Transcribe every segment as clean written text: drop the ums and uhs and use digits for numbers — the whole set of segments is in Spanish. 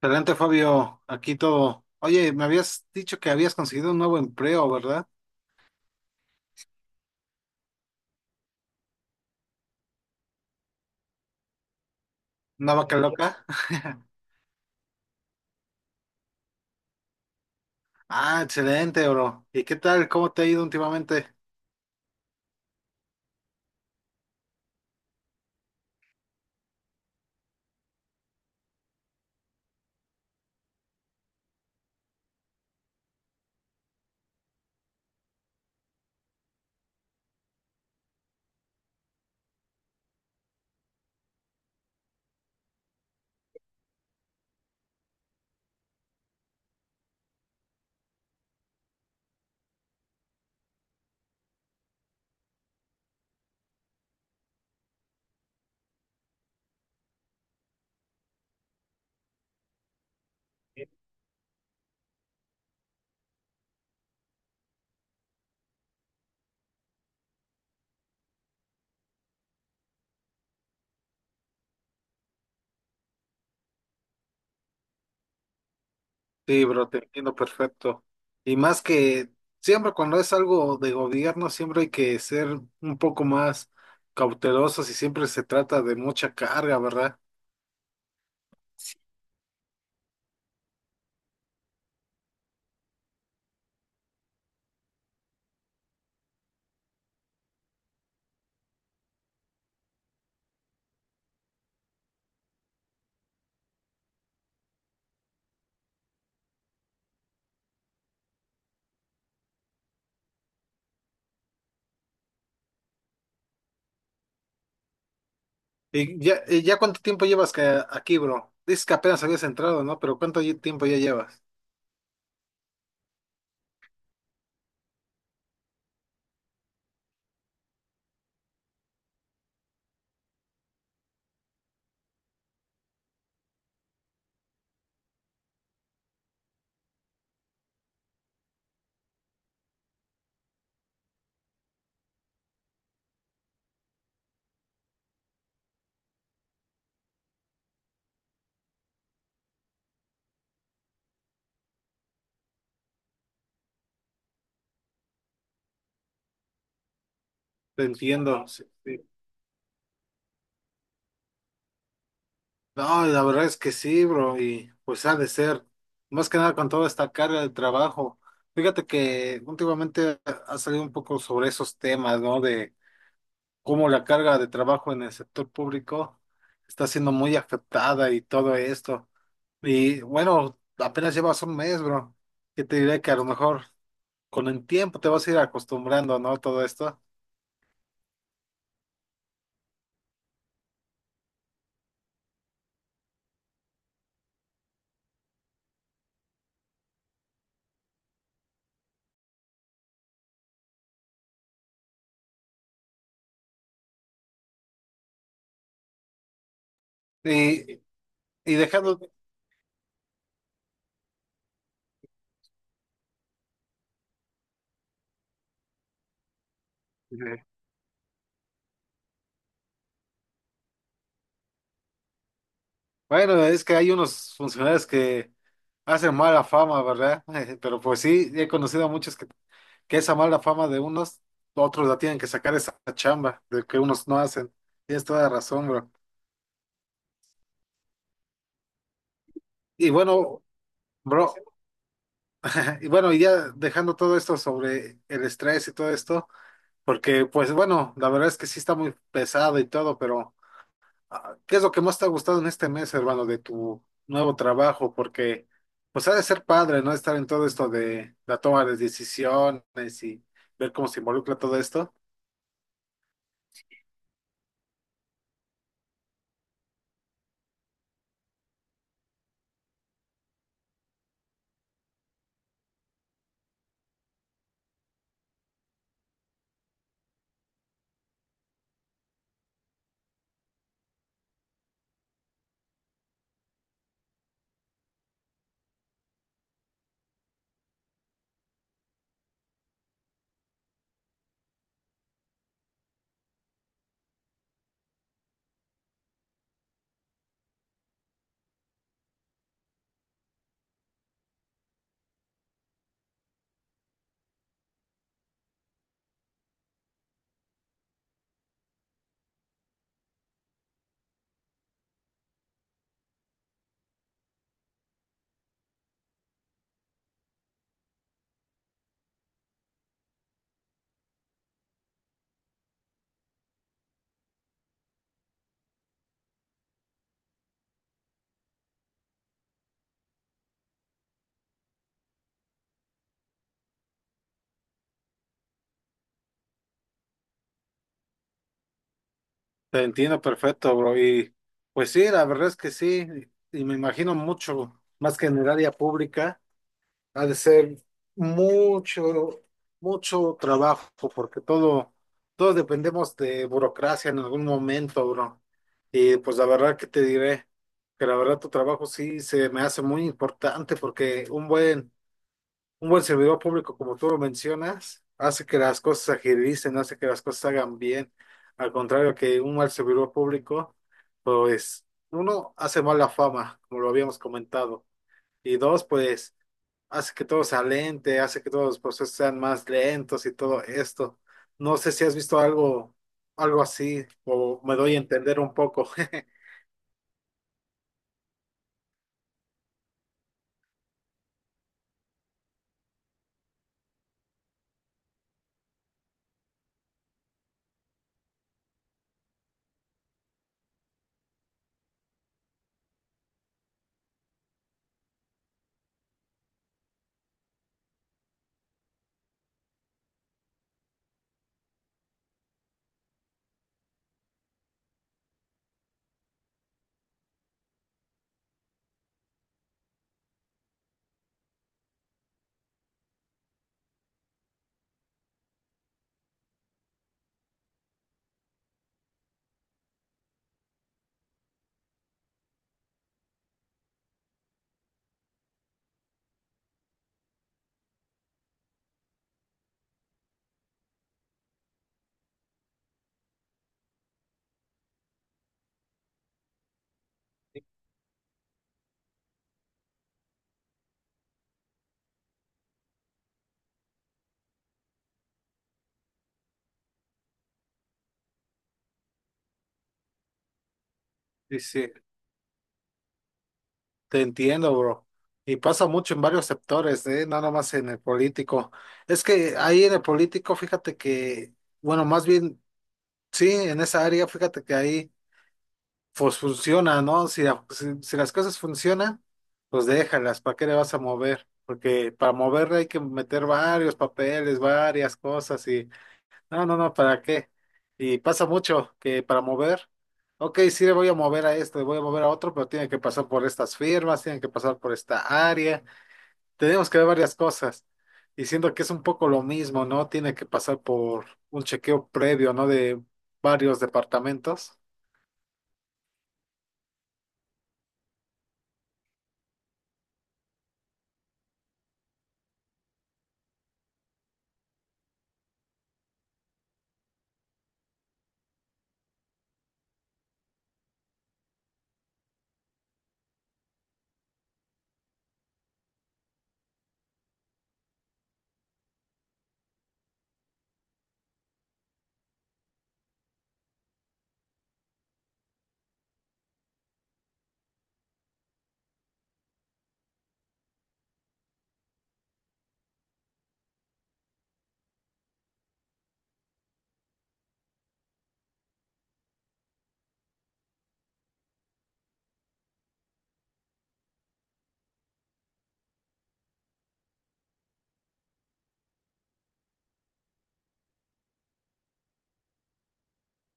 Excelente, Fabio. Aquí todo. Oye, me habías dicho que habías conseguido un nuevo empleo, ¿verdad? ¿Una vaca sí, loca? Ah, excelente, bro. ¿Y qué tal? ¿Cómo te ha ido últimamente? Sí, bro, te entiendo perfecto. Y más que siempre cuando es algo de gobierno, siempre hay que ser un poco más cautelosos y siempre se trata de mucha carga, ¿verdad? ¿Y ya cuánto tiempo llevas que aquí, bro? Dices que apenas habías entrado, ¿no? Pero ¿cuánto tiempo ya llevas? Te entiendo, sí, sí. No, la verdad es que sí, bro, y pues ha de ser, más que nada con toda esta carga de trabajo. Fíjate que últimamente ha salido un poco sobre esos temas, ¿no? De cómo la carga de trabajo en el sector público está siendo muy afectada y todo esto. Y bueno, apenas llevas un mes, bro, que te diré que a lo mejor con el tiempo te vas a ir acostumbrando, ¿no? Todo esto. Y, y dejando, bueno, es que hay unos funcionarios que hacen mala fama, ¿verdad? Pero pues sí, he conocido a muchos que esa mala fama de unos, otros la tienen que sacar esa chamba de que unos no hacen. Tienes toda la razón, bro. Y bueno, bro, y bueno, y ya dejando todo esto sobre el estrés y todo esto, porque pues bueno, la verdad es que sí está muy pesado y todo, pero... Ah, ¿qué es lo que más te ha gustado en este mes, hermano, de tu nuevo trabajo? Porque, pues, ha de ser padre, ¿no? Estar en todo esto de la toma de decisiones y ver cómo se involucra todo esto. Te entiendo perfecto, bro. Y, pues sí, la verdad es que sí. Y me imagino mucho, más que en el área pública. Ha de ser mucho, mucho trabajo, porque todo, todos dependemos de burocracia en algún momento, bro. Y pues la verdad que te diré que la verdad tu trabajo sí se me hace muy importante porque un buen servidor público, como tú lo mencionas, hace que las cosas se agilicen, hace que las cosas se hagan bien. Al contrario que un mal servidor público, pues uno hace mala fama, como lo habíamos comentado. Y dos, pues hace que todo sea lente, hace que todos los procesos sean más lentos y todo esto. No sé si has visto algo, algo así, o me doy a entender un poco. Sí, sí, te entiendo, bro. Y pasa mucho en varios sectores, ¿eh? No nada más en el político. Es que ahí en el político, fíjate que, bueno, más bien, sí, en esa área, fíjate que ahí pues funciona, ¿no? Si las cosas funcionan, pues déjalas, ¿para qué le vas a mover? Porque para moverle hay que meter varios papeles, varias cosas y no, no, no, ¿para qué? Y pasa mucho que para mover, ok, sí le voy a mover a esto, le voy a mover a otro, pero tiene que pasar por estas firmas, tiene que pasar por esta área, tenemos que ver varias cosas. Y siento que es un poco lo mismo, ¿no? Tiene que pasar por un chequeo previo, ¿no? De varios departamentos.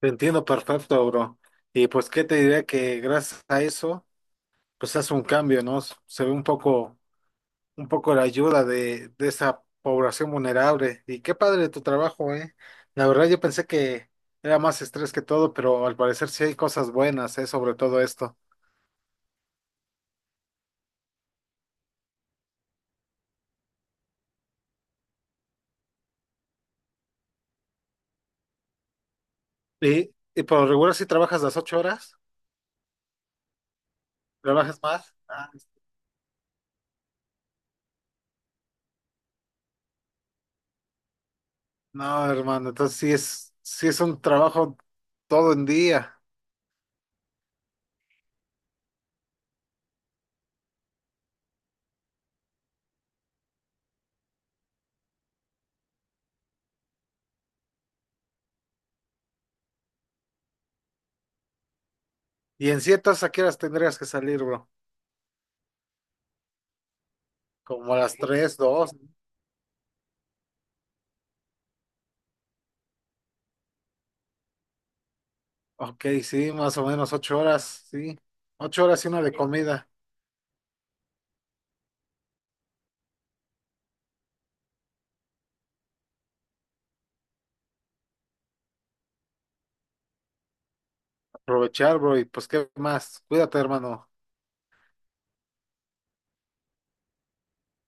Te entiendo perfecto, bro. Y pues qué te diré que gracias a eso, pues hace un cambio, ¿no? Se ve un poco la ayuda de esa población vulnerable. Y qué padre tu trabajo, ¿eh? La verdad yo pensé que era más estrés que todo, pero al parecer sí hay cosas buenas, ¿eh? Sobre todo esto. Y por lo regular si trabajas las 8 horas, ¿trabajas más? Ah, no, hermano, entonces sí es un trabajo todo en día. Y en ciertas, ¿a qué horas tendrías que salir, bro? Como a las 3, 2. Ok, sí, más o menos 8 horas, sí. 8 horas y una de comida. Aprovechar, bro, y pues qué más. Cuídate, hermano.